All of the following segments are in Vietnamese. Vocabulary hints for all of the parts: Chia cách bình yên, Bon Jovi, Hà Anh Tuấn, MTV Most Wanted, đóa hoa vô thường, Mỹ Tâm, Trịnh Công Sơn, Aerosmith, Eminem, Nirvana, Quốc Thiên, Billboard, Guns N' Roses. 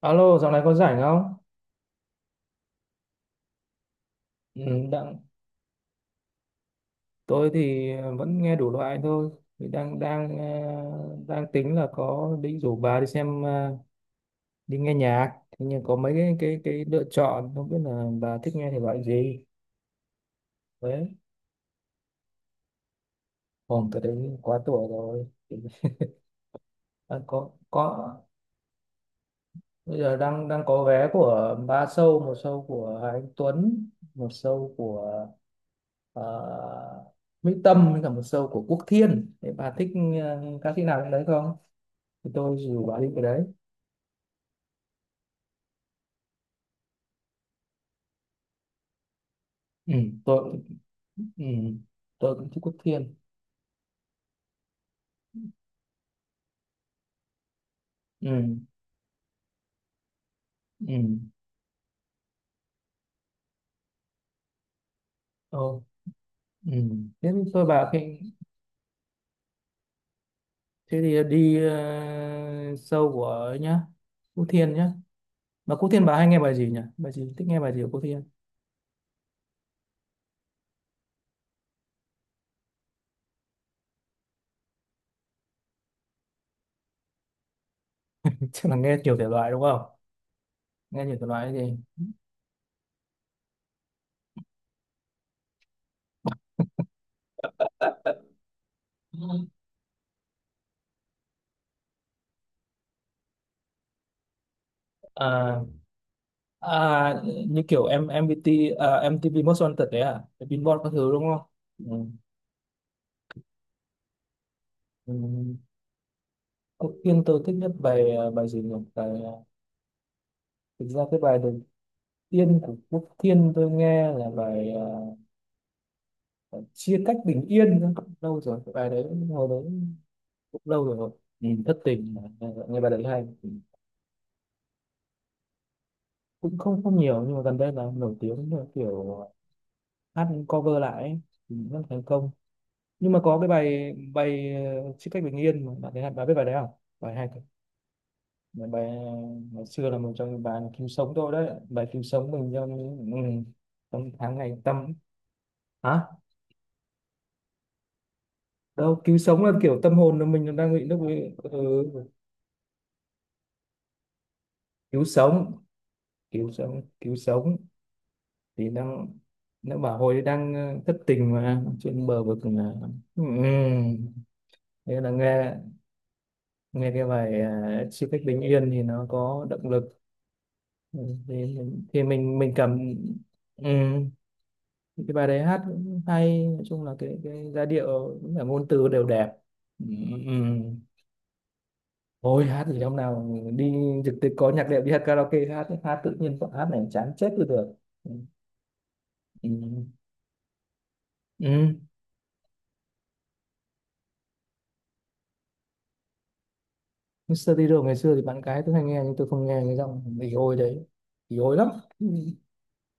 Alo, dạo này có rảnh không? Ừ, đang, tôi thì vẫn nghe đủ loại thôi. Thì đang đang ờ, đang tính là có định rủ bà đi xem, đi nghe nhạc. Thế nhưng có mấy cái lựa chọn, không biết là bà thích nghe thể loại gì. Đấy, hôm tới đấy quá tuổi rồi. Đang có Bây giờ đang đang có vé của ba show, một show của Hà Anh Tuấn, một show của ờ, Mỹ Tâm, với cả một show của Quốc Thiên. Thế bà thích ca sĩ nào trong đấy không? Thì tôi dù bà đi cái đấy. ừ tôi cũng- ừ tôi cũng thích Quốc Thiên. Ừ. Ừ. Ờ. Ừ. Thế thì tôi bảo khi, thế thì đi, show của ấy nhá. Quốc Thiên nhá. Mà Quốc Thiên bà hay nghe bài gì nhỉ? Bài gì Thích nghe bài gì của Quốc Thiên? Chắc là nghe nhiều thể loại đúng không? Nghe nhiều thể loại cái gì? À, à, như kiểu em MVT, à, MTV Most Wanted đấy à? Cái Billboard các thứ đúng không? Ừ. Ừ. Quốc Thiên tôi thích nhất bài, bài gì nhỉ? Thực ra cái bài The Tiên của Quốc Thiên tôi nghe là bài, bài Chia cách bình yên đó. Lâu rồi cái bài đấy, hồi đấy cũng lâu rồi. Nhìn thất tình nghe, nghe bài đấy hay. Ừ, cũng không không nhiều, nhưng mà gần đây là nổi tiếng là kiểu hát cover lại ấy. Thì rất thành công. Nhưng mà có cái bài bài ờ, Chia cách bình yên, mà bạn thấy hay- bạn biết bài đấy không? Bài hay thật. Bài bài ờ, Ngày xưa là một trong những bài cứu sống tôi đấy, bài cứu sống mình trong những, trong tháng ngày tâm. Hả? Đâu, cứu sống là kiểu tâm hồn là mình đang bị lúc ấy, ừ, cứu sống, cứu sống, cứu sống. Thì đang, nó bảo hồi đang thất tình mà trên bờ vực là. Ừ. Ừ. Thế là nghe, nghe cái bài, Chiếc cách bình yên thì nó có động lực. Ừ. Thì mình cảm. Ừ. Cái bài đấy hát cũng hay, nói chung là cái giai điệu cũng là ngôn từ đều đẹp. Ừ. Ừ. Ừ. Ôi hát gì, hôm nào đi trực tiếp có nhạc đệm, đi hát karaoke, hát hát tự nhiên bọn hát này chán chết đi được. Ừ. Ừ. Ừ. Mr. Tiro ngày xưa thì bạn gái tôi hay nghe, nhưng tôi không nghe, cái giọng bị ôi đấy, bị ôi lắm. Ừ.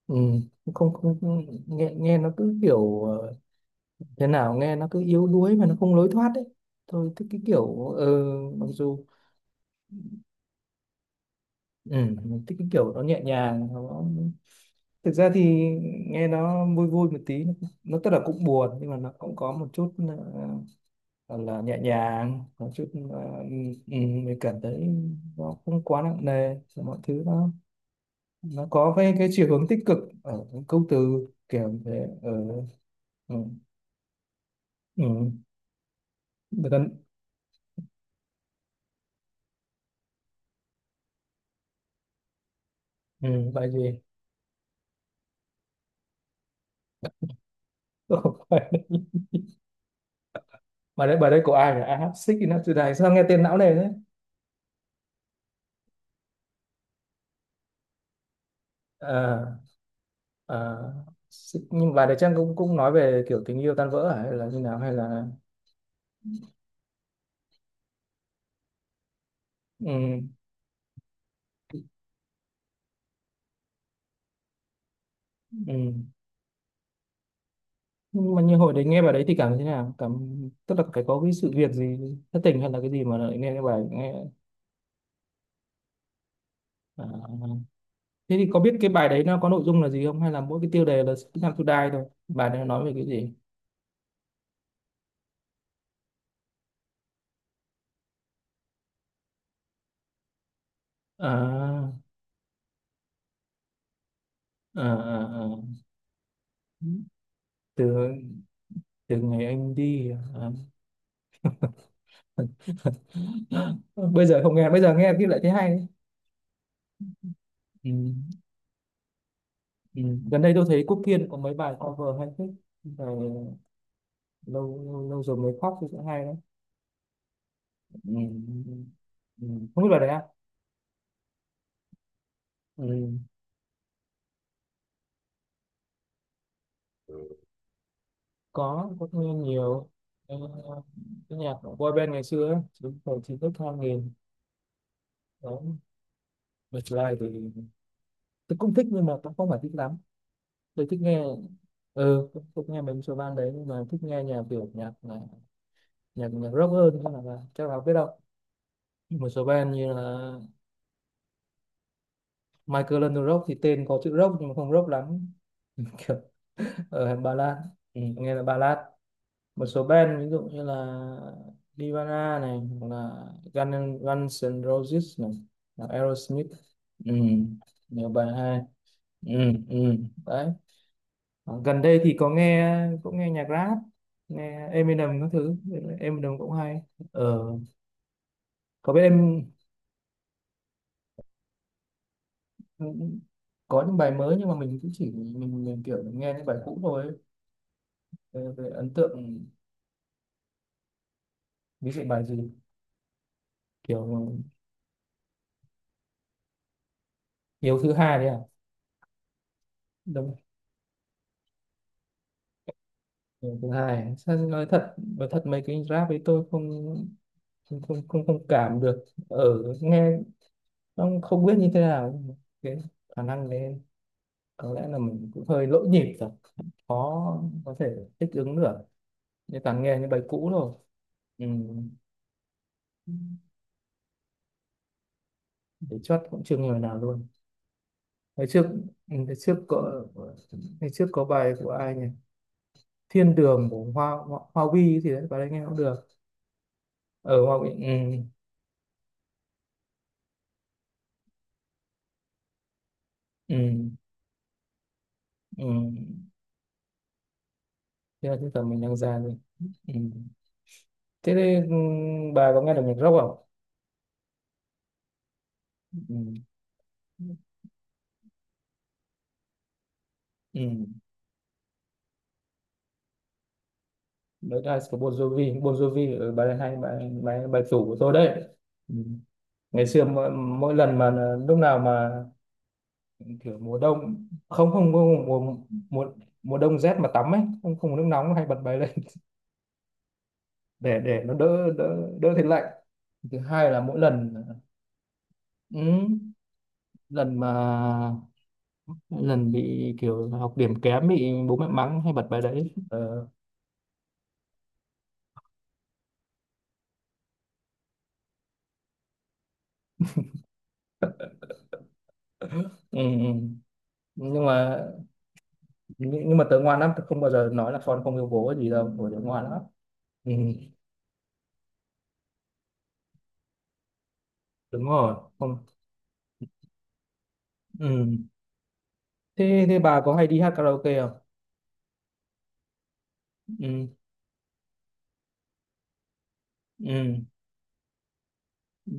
Ừ. Không, không không- Nghe, nghe nó cứ kiểu, thế nào, nghe nó cứ yếu đuối mà nó không lối thoát đấy. Tôi thích cái kiểu, mặc dù, ừ, mình thích cái kiểu nó nhẹ nhàng nó, thực ra thì nghe nó vui vui một tí, nó tức là cũng buồn nhưng mà nó cũng có một chút, gọi là nhẹ nhàng một chút. ờ, ừ, mình cảm thấy nó không quá nặng nề, mọi thứ nó có cái chiều hướng tích cực ở những câu từ kiểu như thế ở. Ừ. Ừ. bài tân- ừ, bài gì? Bài đấy, bài đấy của ai nhỉ? I have six enough today, sao nghe tên não nề thế? Ờ. Ờ, nhưng mà đấy Trang cũng cũng nói về kiểu tình yêu tan vỡ à? Hay là như nào, hay là, ừ, ừ, nhưng mà như hồi đấy nghe bài đấy thì cảm thấy thế nào, cảm tức là phải có cái sự việc gì, thất tình hay là cái gì mà lại nghe cái bài nghe. À. Thế thì có biết cái bài đấy nó có nội dung là gì không, hay là mỗi cái tiêu đề là Six Time to Die thôi, bài đấy nó nói về cái gì? À, à, à, à. Từ Từ ngày anh đi à. Bây giờ không nghe, bây giờ nghe thì lại thấy hay đấy. Ừ. Ừ. Gần đây tôi thấy Quốc Kiên có mấy bài cover hay thích. Bài lâu, Lâu lâu rồi mới khóc thì cũng hay đấy. Ừ. Ừ. Không biết bài đấy à? Ừ. Có nghe nhiều. Ờ, cái nhạc của boy band ngày xưa ấy, chúng tôi chỉ thích hai nghìn đó. Bật lại thì tôi cũng thích nhưng mà cũng không phải thích lắm. Tôi thích nghe, ừ tôi cũng nghe mấy số band đấy, nhưng mà thích nghe nhạc kiểu nhạc rock hơn, chắc là biết đâu một số band như là Michael London Rock, thì tên có chữ rock nhưng mà không rock lắm. Kiểu ở ballad, ừ, nghe là ballad. Một số band ví dụ như là Nirvana này, hoặc là Guns N' Roses này, hoặc Aerosmith. Ừ, nhiều bài hay. Ừ, ừ, đấy. Ờ, gần đây thì có nghe, cũng nghe nhạc rap, nghe Eminem các thứ, Eminem cũng hay. Ờ, có biết em, có những bài mới nhưng mà mình cũng chỉ mình kiểu nghe những bài cũ thôi ấy. Về ấn tượng. Ví dụ bài gì? Kiểu Hiếu thứ hai đấy à. Lần thứ hai, sao nói thật, mấy cái rap ấy tôi không, không cảm được ở nghe, không không biết như thế nào, cái khả năng đấy. Có lẽ là mình cũng hơi lỗi nhịp rồi, khó có thể thích ứng được, như toàn nghe những bài cũ rồi. Ừ. Để chót cũng chưa nghe bài nào luôn. Ngày trước, ừ, ngày trước có, ngày trước có bài của ai nhỉ. Thiên Đường của Hoa Hoa, Hoa Vi thì đấy, bài đấy nghe cũng được ở Hoa Vi. Ừ. Ừ. Ừ. Thế là cái tầm mình đang ra rồi. Ừ. Thế thì, ừ, bà có nghe được nhạc rock không? Ừ. Ừ. Đấy là của Bon Jovi, Bon Jovi ở bài hay, bài bài bài tủ của tôi đấy. Ừ. Ngày xưa mỗi lần mà, lúc nào mà kiểu mùa đông, không không mùa mùa mùa, mùa đông rét mà tắm ấy, không không có nước nóng hay bật bài lên để nó đỡ đỡ đỡ thấy lạnh. Thứ hai là mỗi lần, ừ, lần mà, mỗi lần bị kiểu học điểm kém bị bố mẹ mắng hay bật bài đấy. Ờ, ừ, ừ. nhưng mà nhưng mà tớ ngoan lắm, tớ không bao giờ nói là con không yêu bố hay gì đâu, bởi tớ ngoan lắm. Ừ, đúng rồi, không. Ừ. Thế thế bà có hay đi hát karaoke không? Ừ, ừ. Ừ.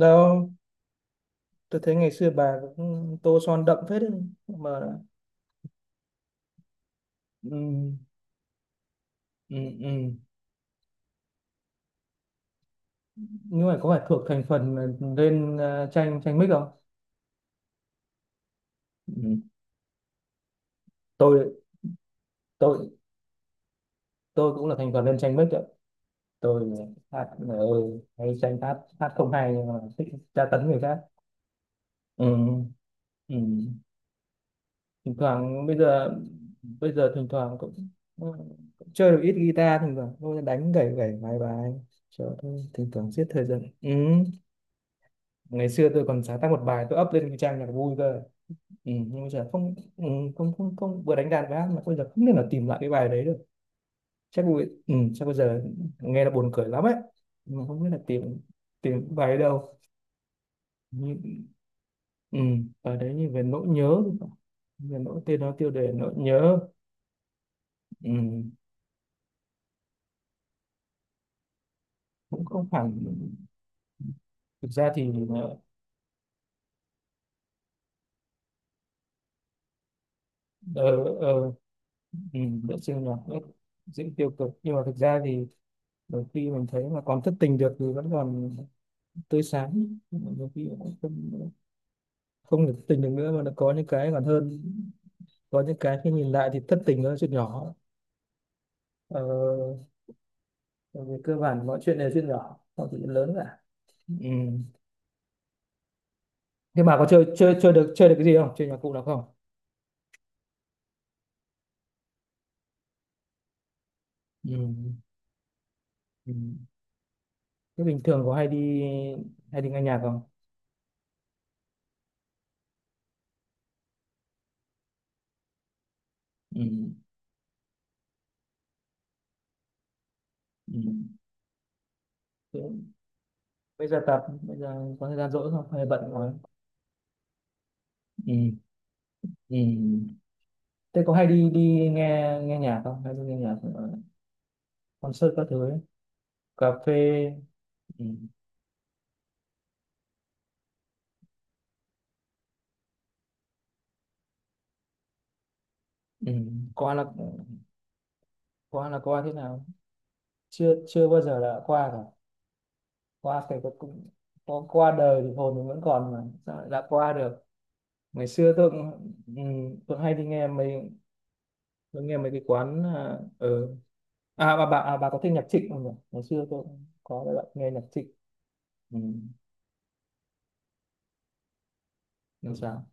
Đâu, tớ thấy ngày xưa bà cũng tô son đậm phết đấy mà. Ừ, ừ, ừ. Nhưng mà có phải thuộc thành phần lên tranh tranh mic không? Ừ. tôi tôi tôi cũng là thành phần lên tranh mic. Tôi hát hát ơi hay, tranh hát hát không hay nhưng mà thích tra tấn người khác. Ừ, ừ. Thỉnh thoảng bây giờ, bây giờ thỉnh thoảng cũng, ừ, cũng chơi được ít guitar, thỉnh thoảng tôi đánh gảy gảy vài bài cho tôi thỉnh thoảng giết thời gian. Ừ. Ngày xưa tôi còn sáng tác một bài, tôi up lên cái trang nhạc vui cơ. Ừ. Nhưng bây giờ không, ừ, không không không vừa đánh đàn vừa hát, mà bây giờ không thể nào tìm lại cái bài đấy được. Chắc bây, ừ, chắc bây giờ nghe là buồn cười lắm ấy. Nhưng mà không biết là tìm, tìm cái bài ở đâu. Ừ, bài đấy như về nỗi nhớ thì phải. Về nỗi, tên nó tiêu đề nỗi nhớ. Ừ, cũng không hẳn. Thực ra thì, ờ, ờ, vệ sinh là rất dễ tiêu cực, nhưng mà thực ra thì đôi khi mình thấy mà còn thất tình được thì vẫn còn tươi sáng. Nhưng mà đôi khi cũng không, không được thất tình được nữa, mà nó có những cái còn hơn. Có những cái khi nhìn lại thì thất tình nó là chuyện nhỏ. Ờ, bởi vì cơ bản mọi chuyện đều chuyện nhỏ, không có chuyện lớn cả. Ừ. Thế bà có chơi chơi chơi được, chơi được cái gì không, chơi nhạc cụ nào không? Ừ. Ừ. Thế bình thường có hay đi, hay đi nghe nhạc không? Ừ. Ừ. Thế bây giờ tập, bây giờ có thời gian rỗi không? Hay bận quá? Ừ. Ừ. Thế có hay đi đi nghe, nghe nhạc không? Hay đi nghe nhạc ở concert các thứ ấy? Cà phê. Ừ. Ừ. Qua là, qua là qua thế nào? Chưa, chưa bao giờ là qua cả. Qua phải có cũng có qua đời thì hồn mình vẫn còn, mà sao lại đã qua được. Ngày xưa tôi cũng, ừ, tôi hay đi nghe mấy, tôi nghe mấy cái quán, à, ở. À, bà à, bà có thích nhạc Trịnh không nhỉ, ngày xưa tôi cũng có bạn nghe nhạc Trịnh. Ừ. Làm sao?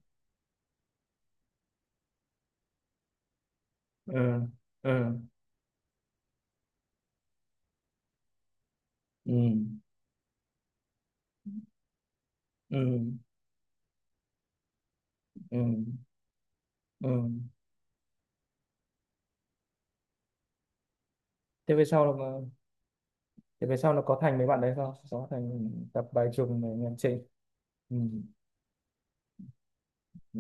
Ừ. Ừ. Ừ. Ừ. Ừ. Ừ. Thế về sau là, thế về sau nó có thành mấy bạn đấy không, có thành tập bài trùng này nhạc Trịnh. Ừ. Ừ.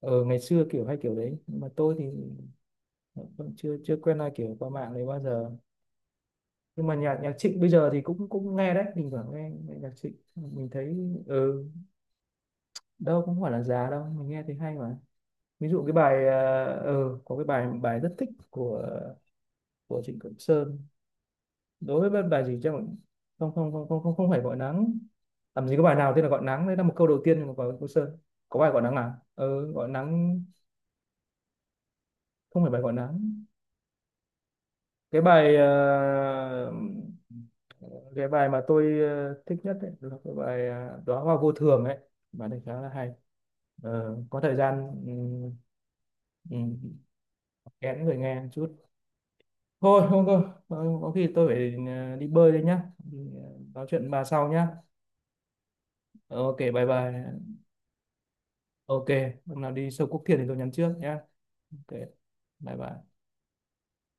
Ờ ngày xưa kiểu hay kiểu đấy nhưng mà tôi thì vẫn chưa chưa quen ai kiểu qua mạng này bao giờ. Nhưng mà nhạc nhạc Trịnh bây giờ thì cũng cũng nghe đấy, thỉnh thoảng nghe, nghe nhạc Trịnh mình thấy, ừ. Đâu cũng không phải là già đâu, mình nghe thấy hay mà. Ví dụ cái bài, có cái bài bài rất thích của Trịnh Công Sơn. Đối với bài gì chứ, không, không phải gọi nắng. Làm gì có bài nào tên là gọi nắng, đấy là một câu đầu tiên của Trịnh Công Sơn. Có bài gọi nắng à, ừ, gọi nắng. Không phải bài gọi nắng. Cái bài, cái bài mà tôi, thích nhất ấy, là cái bài, đóa hoa vô thường ấy. Bài này khá là hay. Ờ, có thời gian, ừ, ừ, kén người nghe một chút. Thôi không thôi, ờ, có khi tôi phải, đi bơi đây nhá. Thì, ờ, Nói chuyện với bà sau nhá. Ờ, Ok, bye bye. Ok, hôm nào đi sâu Quốc Thiền thì tôi nhắn trước nhá. Ok, bye bye.